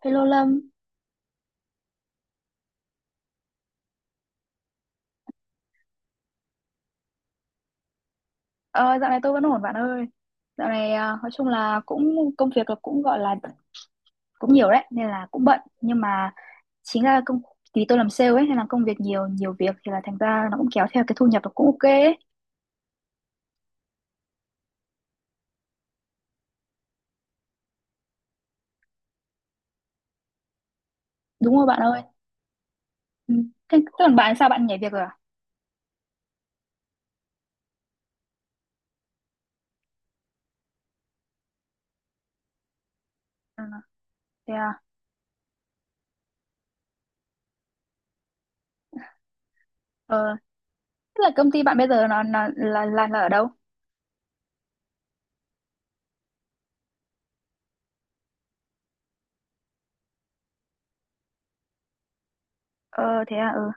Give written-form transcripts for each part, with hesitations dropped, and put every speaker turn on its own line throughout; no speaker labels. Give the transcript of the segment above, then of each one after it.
Hello Lâm. Ờ, Dạo này tôi vẫn ổn bạn ơi. Dạo này à, nói chung là cũng công việc là cũng gọi là cũng nhiều đấy nên là cũng bận, nhưng mà chính là công vì tôi làm sale ấy nên là công việc nhiều nhiều việc thì là thành ra nó cũng kéo theo cái thu nhập nó cũng ok ấy. Đúng rồi bạn ơi. Ừ. Thế thế còn bạn sao bạn nhảy việc rồi à? Ừ, thế à? Ờ, tức là công ty bạn bây giờ nó là ở đâu? Ờ, thế à. Ừ.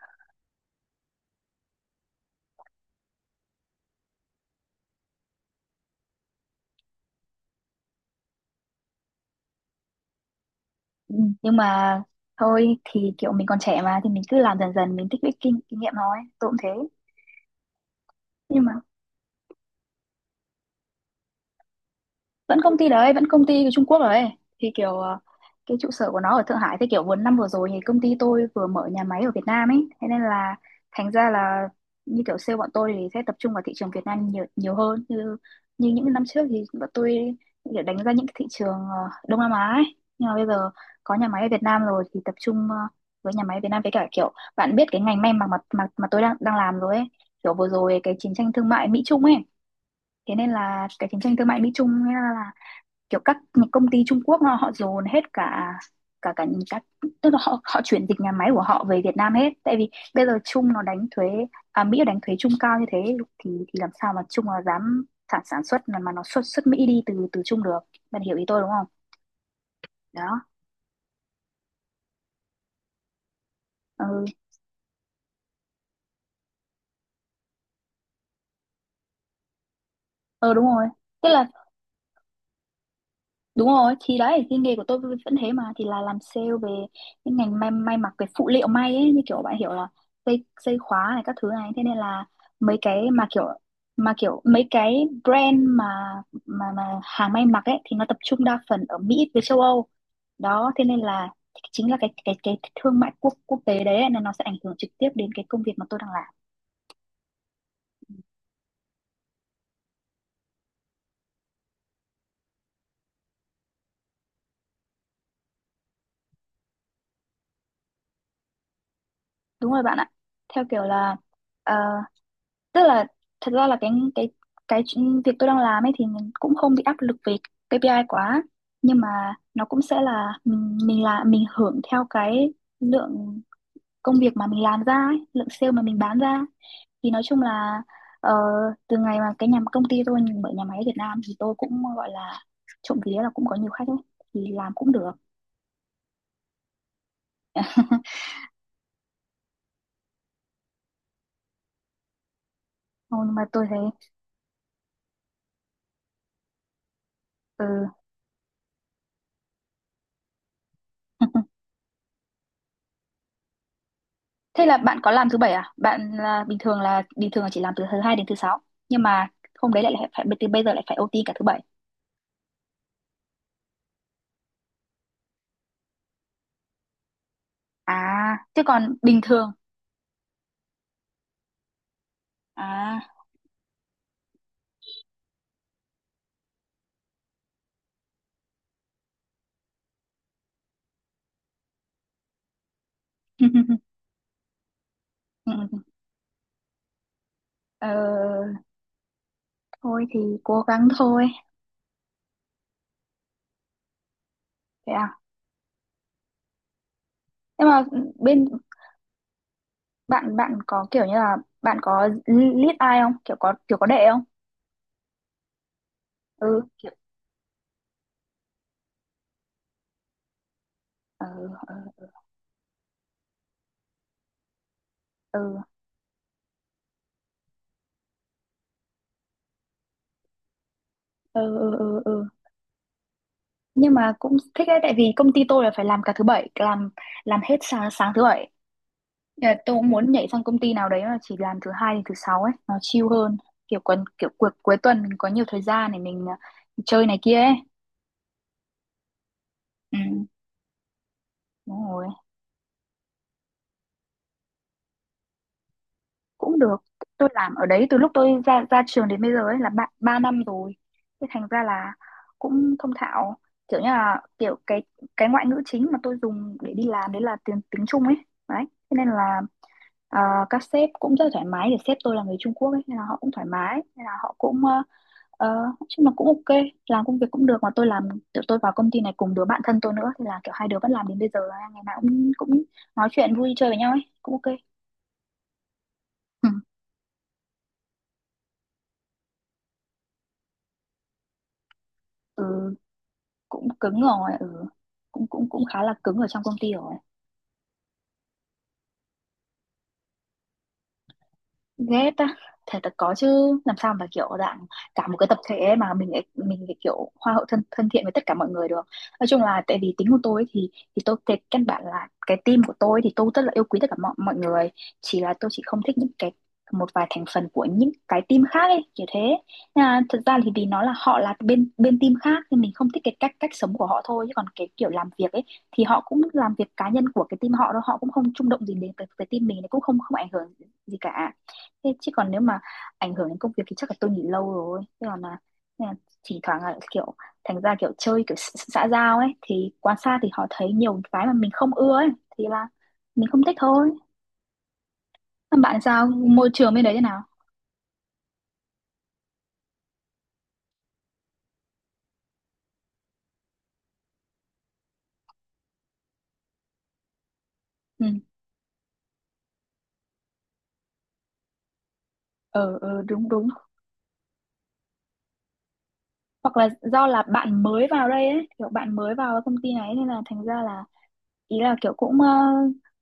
Ừ. Nhưng mà thôi thì kiểu mình còn trẻ mà thì mình cứ làm dần dần, mình tích lũy kinh kinh nghiệm thôi. Tôi cũng thế. Nhưng mà vẫn công ty đấy, vẫn công ty của Trung Quốc đấy, thì cái trụ sở của nó ở Thượng Hải. Thế kiểu vừa năm vừa rồi thì công ty tôi vừa mở nhà máy ở Việt Nam ấy, thế nên là thành ra là như kiểu sale bọn tôi thì sẽ tập trung vào thị trường Việt Nam nhiều nhiều hơn, như như những năm trước thì bọn tôi để đánh ra những cái thị trường Đông Nam Á ấy, nhưng mà bây giờ có nhà máy ở Việt Nam rồi thì tập trung với nhà máy Việt Nam, với cả kiểu bạn biết cái ngành may mặc mà tôi đang đang làm rồi ấy. Kiểu vừa rồi cái chiến tranh thương mại Mỹ Trung ấy, thế nên là cái chiến tranh thương mại Mỹ Trung ấy là kiểu các những công ty Trung Quốc họ dồn hết cả cả cả những các tức là họ họ chuyển dịch nhà máy của họ về Việt Nam hết. Tại vì bây giờ Trung nó đánh thuế à, Mỹ đánh thuế Trung cao như thế, thì làm sao mà Trung nó dám sản sản xuất mà nó xuất xuất Mỹ đi từ từ Trung được. Bạn hiểu ý tôi đúng không? Đó. Ừ, ừ đúng rồi, tức là đúng rồi, thì đấy, cái nghề của tôi vẫn thế mà, thì là làm sale về những ngành may mặc, cái phụ liệu may ấy, như kiểu bạn hiểu là dây dây khóa này các thứ này, thế nên là mấy cái mà kiểu mấy cái brand mà hàng may mặc ấy thì nó tập trung đa phần ở Mỹ với châu Âu. Đó, thế nên là chính là cái thương mại quốc quốc tế đấy ấy, nên nó sẽ ảnh hưởng trực tiếp đến cái công việc mà tôi đang làm. Đúng rồi bạn ạ. Theo kiểu là ờ, tức là thật ra là cái việc tôi đang làm ấy thì mình cũng không bị áp lực về KPI quá, nhưng mà nó cũng sẽ là mình hưởng theo cái lượng công việc mà mình làm ra ấy, lượng sale mà mình bán ra. Thì nói chung là ờ, từ ngày mà cái nhà công ty tôi mở nhà máy ở Việt Nam thì tôi cũng gọi là trộm vía là cũng có nhiều khách ấy, thì làm cũng được. Ồ, nhưng mà tôi thấy. Ừ. Thế là bạn có làm thứ bảy à? Bạn là bình thường là chỉ làm từ thứ hai đến thứ sáu, nhưng mà hôm đấy lại lại phải, từ bây giờ lại phải OT cả thứ bảy. À, chứ còn bình thường à. Ừ, ừ. ờ, Thôi thì cố gắng thôi. Thế à? Nhưng mà bên bạn bạn có kiểu như là bạn có lead ai không? Kiểu có đệ không? Ừ, kiểu ừ, ừ, ừ, ừ, ừ, ừ. Ừ. Nhưng mà cũng thích đấy, tại vì công ty tôi là phải làm cả thứ bảy, làm hết sáng sáng thứ bảy. Dạ, tôi cũng muốn nhảy sang công ty nào đấy mà chỉ làm thứ hai đến thứ sáu ấy, nó chill hơn. Kiểu kiểu cuối cuối tuần mình có nhiều thời gian để mình chơi này kia ấy. Ừ, đúng rồi. Cũng được. Tôi làm ở đấy từ lúc tôi ra ra trường đến bây giờ ấy là 3 năm rồi, thế thành ra là cũng thông thạo, kiểu như là kiểu cái ngoại ngữ chính mà tôi dùng để đi làm đấy là tiếng tiếng Trung ấy. Đấy, thế nên là à, các sếp cũng rất thoải mái, để sếp tôi là người Trung Quốc ấy nên là họ cũng thoải mái, nên là họ cũng ờ, nói chung là cũng ok, làm công việc cũng được mà tôi làm, tụi tôi vào công ty này cùng đứa bạn thân tôi nữa, thì là kiểu hai đứa vẫn làm đến bây giờ, ngày nào cũng cũng nói chuyện vui chơi với nhau ấy, cũng ok. Ừ, ừ cũng cứng rồi. Ừ. Cũng cũng Cũng khá là cứng ở trong công ty rồi. Ghét á, thể thật là có chứ, làm sao mà kiểu dạng cả một cái tập thể ấy mà mình lại kiểu hoa hậu, thân thân thiện với tất cả mọi người được. Nói chung là tại vì tính của tôi ấy thì tôi, cái căn bản là cái team của tôi thì tôi rất là yêu quý tất cả mọi mọi người, chỉ là tôi chỉ không thích những cái một vài thành phần của những cái team khác ấy kiểu thế. Nên là thật ra thì vì nó là họ là bên bên team khác nên mình không thích cái cách cách sống của họ thôi, chứ còn cái kiểu làm việc ấy thì họ cũng làm việc cá nhân của cái team họ, đâu họ cũng không chung động gì đến cái team mình, cũng không không ảnh hưởng gì cả. Thế chứ còn nếu mà ảnh hưởng đến công việc thì chắc là tôi nghỉ lâu rồi. Thế còn là, thế là thỉnh thoảng là kiểu thành ra kiểu chơi kiểu xã xã giao ấy, thì quan sát thì họ thấy nhiều cái mà mình không ưa ấy, thì là mình không thích thôi. Còn bạn sao? Môi trường bên đấy thế nào? Ừ. Ờ, ờ đúng đúng. Hoặc là do là bạn mới vào đây ấy, kiểu bạn mới vào công ty này nên là thành ra là ý là kiểu cũng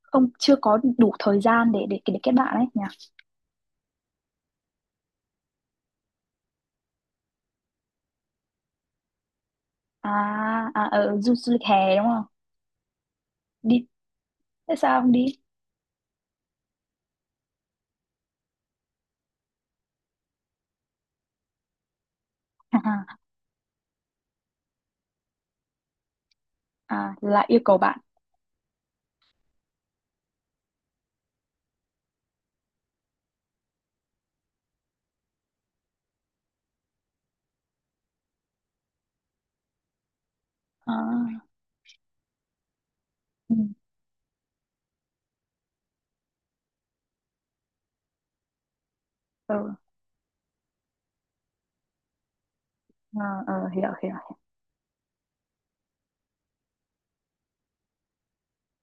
không chưa có đủ thời gian để để kết bạn ấy nhỉ. À à, du lịch hè đúng không? Đi Thế sao không đi? À là yêu cầu bạn. À. Ừ. Ừ. À, ờ, hiểu hiểu hiểu.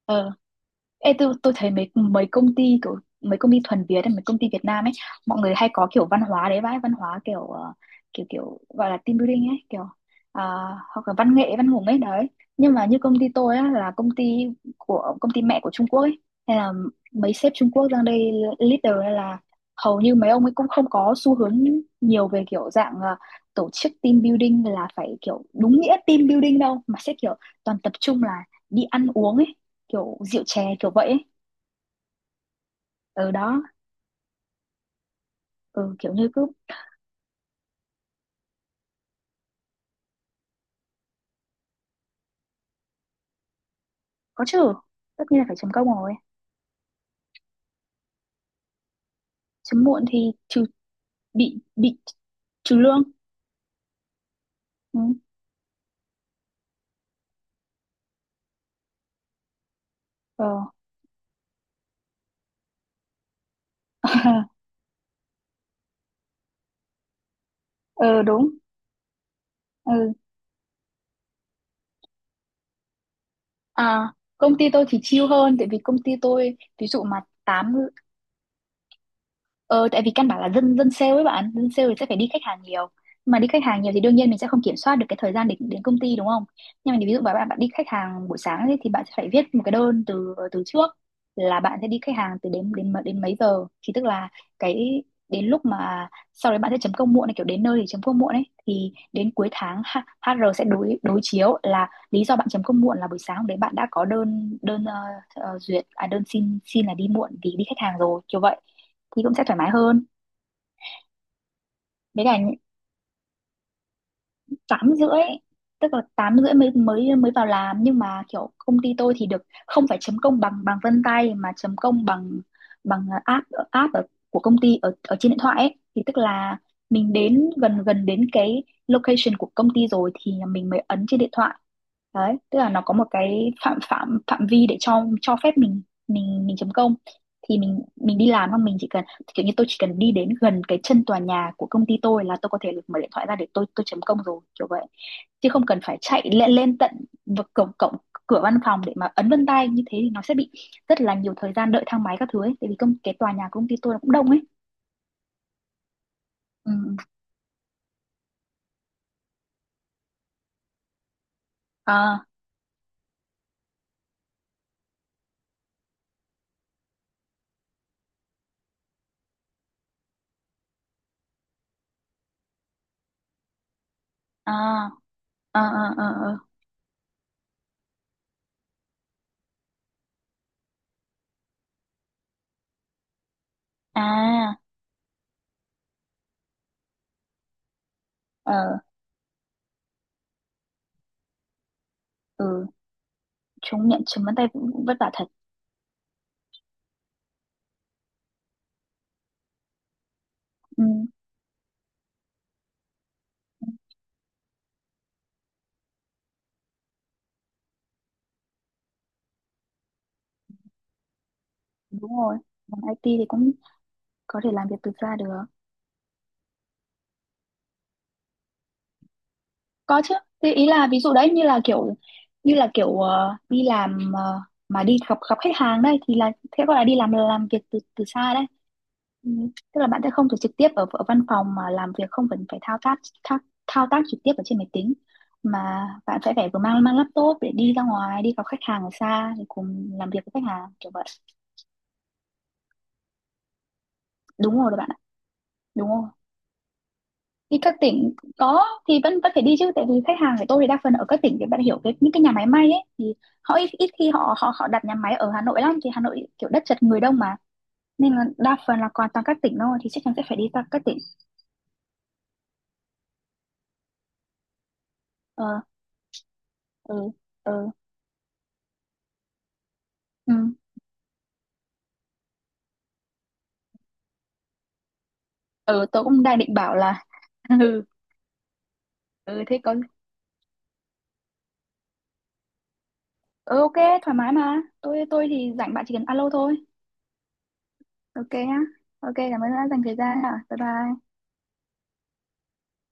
Ờ. Ê, tôi thấy mấy mấy công ty kiểu, mấy công ty thuần Việt ấy, mấy công ty Việt Nam ấy, mọi người hay có kiểu văn hóa đấy vãi, văn hóa kiểu kiểu kiểu gọi là team building ấy kiểu à, hoặc là văn nghệ văn hùng ấy đấy. Nhưng mà như công ty tôi á, là công ty của công ty mẹ của Trung Quốc ấy, hay là mấy sếp Trung Quốc sang đây leader, hay là hầu như mấy ông ấy cũng không có xu hướng nhiều về kiểu dạng tổ chức team building là phải kiểu đúng nghĩa team building đâu, mà sẽ kiểu toàn tập trung là đi ăn uống ấy, kiểu rượu chè kiểu vậy ấy. Ừ, đó. Ừ, kiểu như cứ có trừ, tất nhiên là phải chấm công rồi, chấm muộn thì trừ, bị trừ lương. Ừ, ờ. Ờ đúng. Ừ, à, công ty tôi thì chill hơn, tại vì công ty tôi ví dụ mà tám. Ờ, tại vì căn bản là dân dân sale ấy bạn, dân sale thì sẽ phải đi khách hàng nhiều. Mà đi khách hàng nhiều thì đương nhiên mình sẽ không kiểm soát được cái thời gian đến đến công ty đúng không? Nhưng mà ví dụ mà bạn bạn đi khách hàng buổi sáng ấy, thì bạn sẽ phải viết một cái đơn từ từ trước, là bạn sẽ đi khách hàng từ đến, đến mấy giờ, thì tức là cái đến lúc mà sau đấy bạn sẽ chấm công muộn này, kiểu đến nơi thì chấm công muộn ấy, thì đến cuối tháng HR sẽ đối đối chiếu là lý do bạn chấm công muộn là buổi sáng hôm đấy bạn đã có đơn đơn, duyệt à, đơn xin xin là đi muộn vì đi khách hàng rồi, kiểu vậy, thì cũng sẽ thoải mái hơn. Với cả 8:30, tức là 8:30 mới mới mới vào làm, nhưng mà kiểu công ty tôi thì được không phải chấm công bằng bằng vân tay, mà chấm công bằng bằng app app của công ty ở ở trên điện thoại ấy. Thì tức là mình đến gần gần đến cái location của công ty rồi thì mình mới ấn trên điện thoại. Đấy, tức là nó có một cái phạm phạm phạm vi để cho phép mình chấm công, thì mình đi làm không, mình chỉ cần kiểu như tôi chỉ cần đi đến gần cái chân tòa nhà của công ty tôi là tôi có thể mở điện thoại ra để tôi chấm công rồi, kiểu vậy. Chứ không cần phải chạy lên lên tận vực cổng cổng cửa văn phòng để mà ấn vân tay, như thế thì nó sẽ bị rất là nhiều thời gian đợi thang máy các thứ ấy, tại vì cái tòa nhà của công ty tôi nó cũng đông ấy. Ừ, à à à à à à à, ờ, ừ. Chúng nhận chấm vân tay cũng vất vả thật. Ừ. Đúng rồi, làm IT thì cũng có thể làm việc từ xa được. Có chứ. Thế ý là ví dụ đấy như là kiểu đi làm, mà đi gặp gặp khách hàng đây thì là thế gọi là đi làm việc từ từ xa đấy. Ừ, tức là bạn sẽ không phải trực tiếp ở văn phòng mà làm việc, không cần phải thao tác trực tiếp ở trên máy tính, mà bạn sẽ phải vừa mang mang laptop để đi ra ngoài đi gặp khách hàng ở xa, thì cùng làm việc với khách hàng kiểu vậy. Đúng rồi đó bạn ạ, đúng rồi, đi các tỉnh có thì vẫn vẫn phải đi chứ, tại vì khách hàng của tôi thì đa phần ở các tỉnh, thì bạn hiểu cái những cái nhà máy may ấy thì họ ít ít khi họ họ họ đặt nhà máy ở Hà Nội lắm, thì Hà Nội kiểu đất chật người đông mà, nên là đa phần là còn toàn các tỉnh thôi, thì chắc chắn sẽ phải đi các tỉnh. Ờ, ừ, ừ, ừ, ừ, tôi cũng đang định bảo là. Ừ, ừ thế có, ừ, ok, thoải mái mà. Thì rảnh, bạn chỉ cần alo thôi. Ok nhá. Ok, cảm ơn đã dành thời gian hả, bye bye.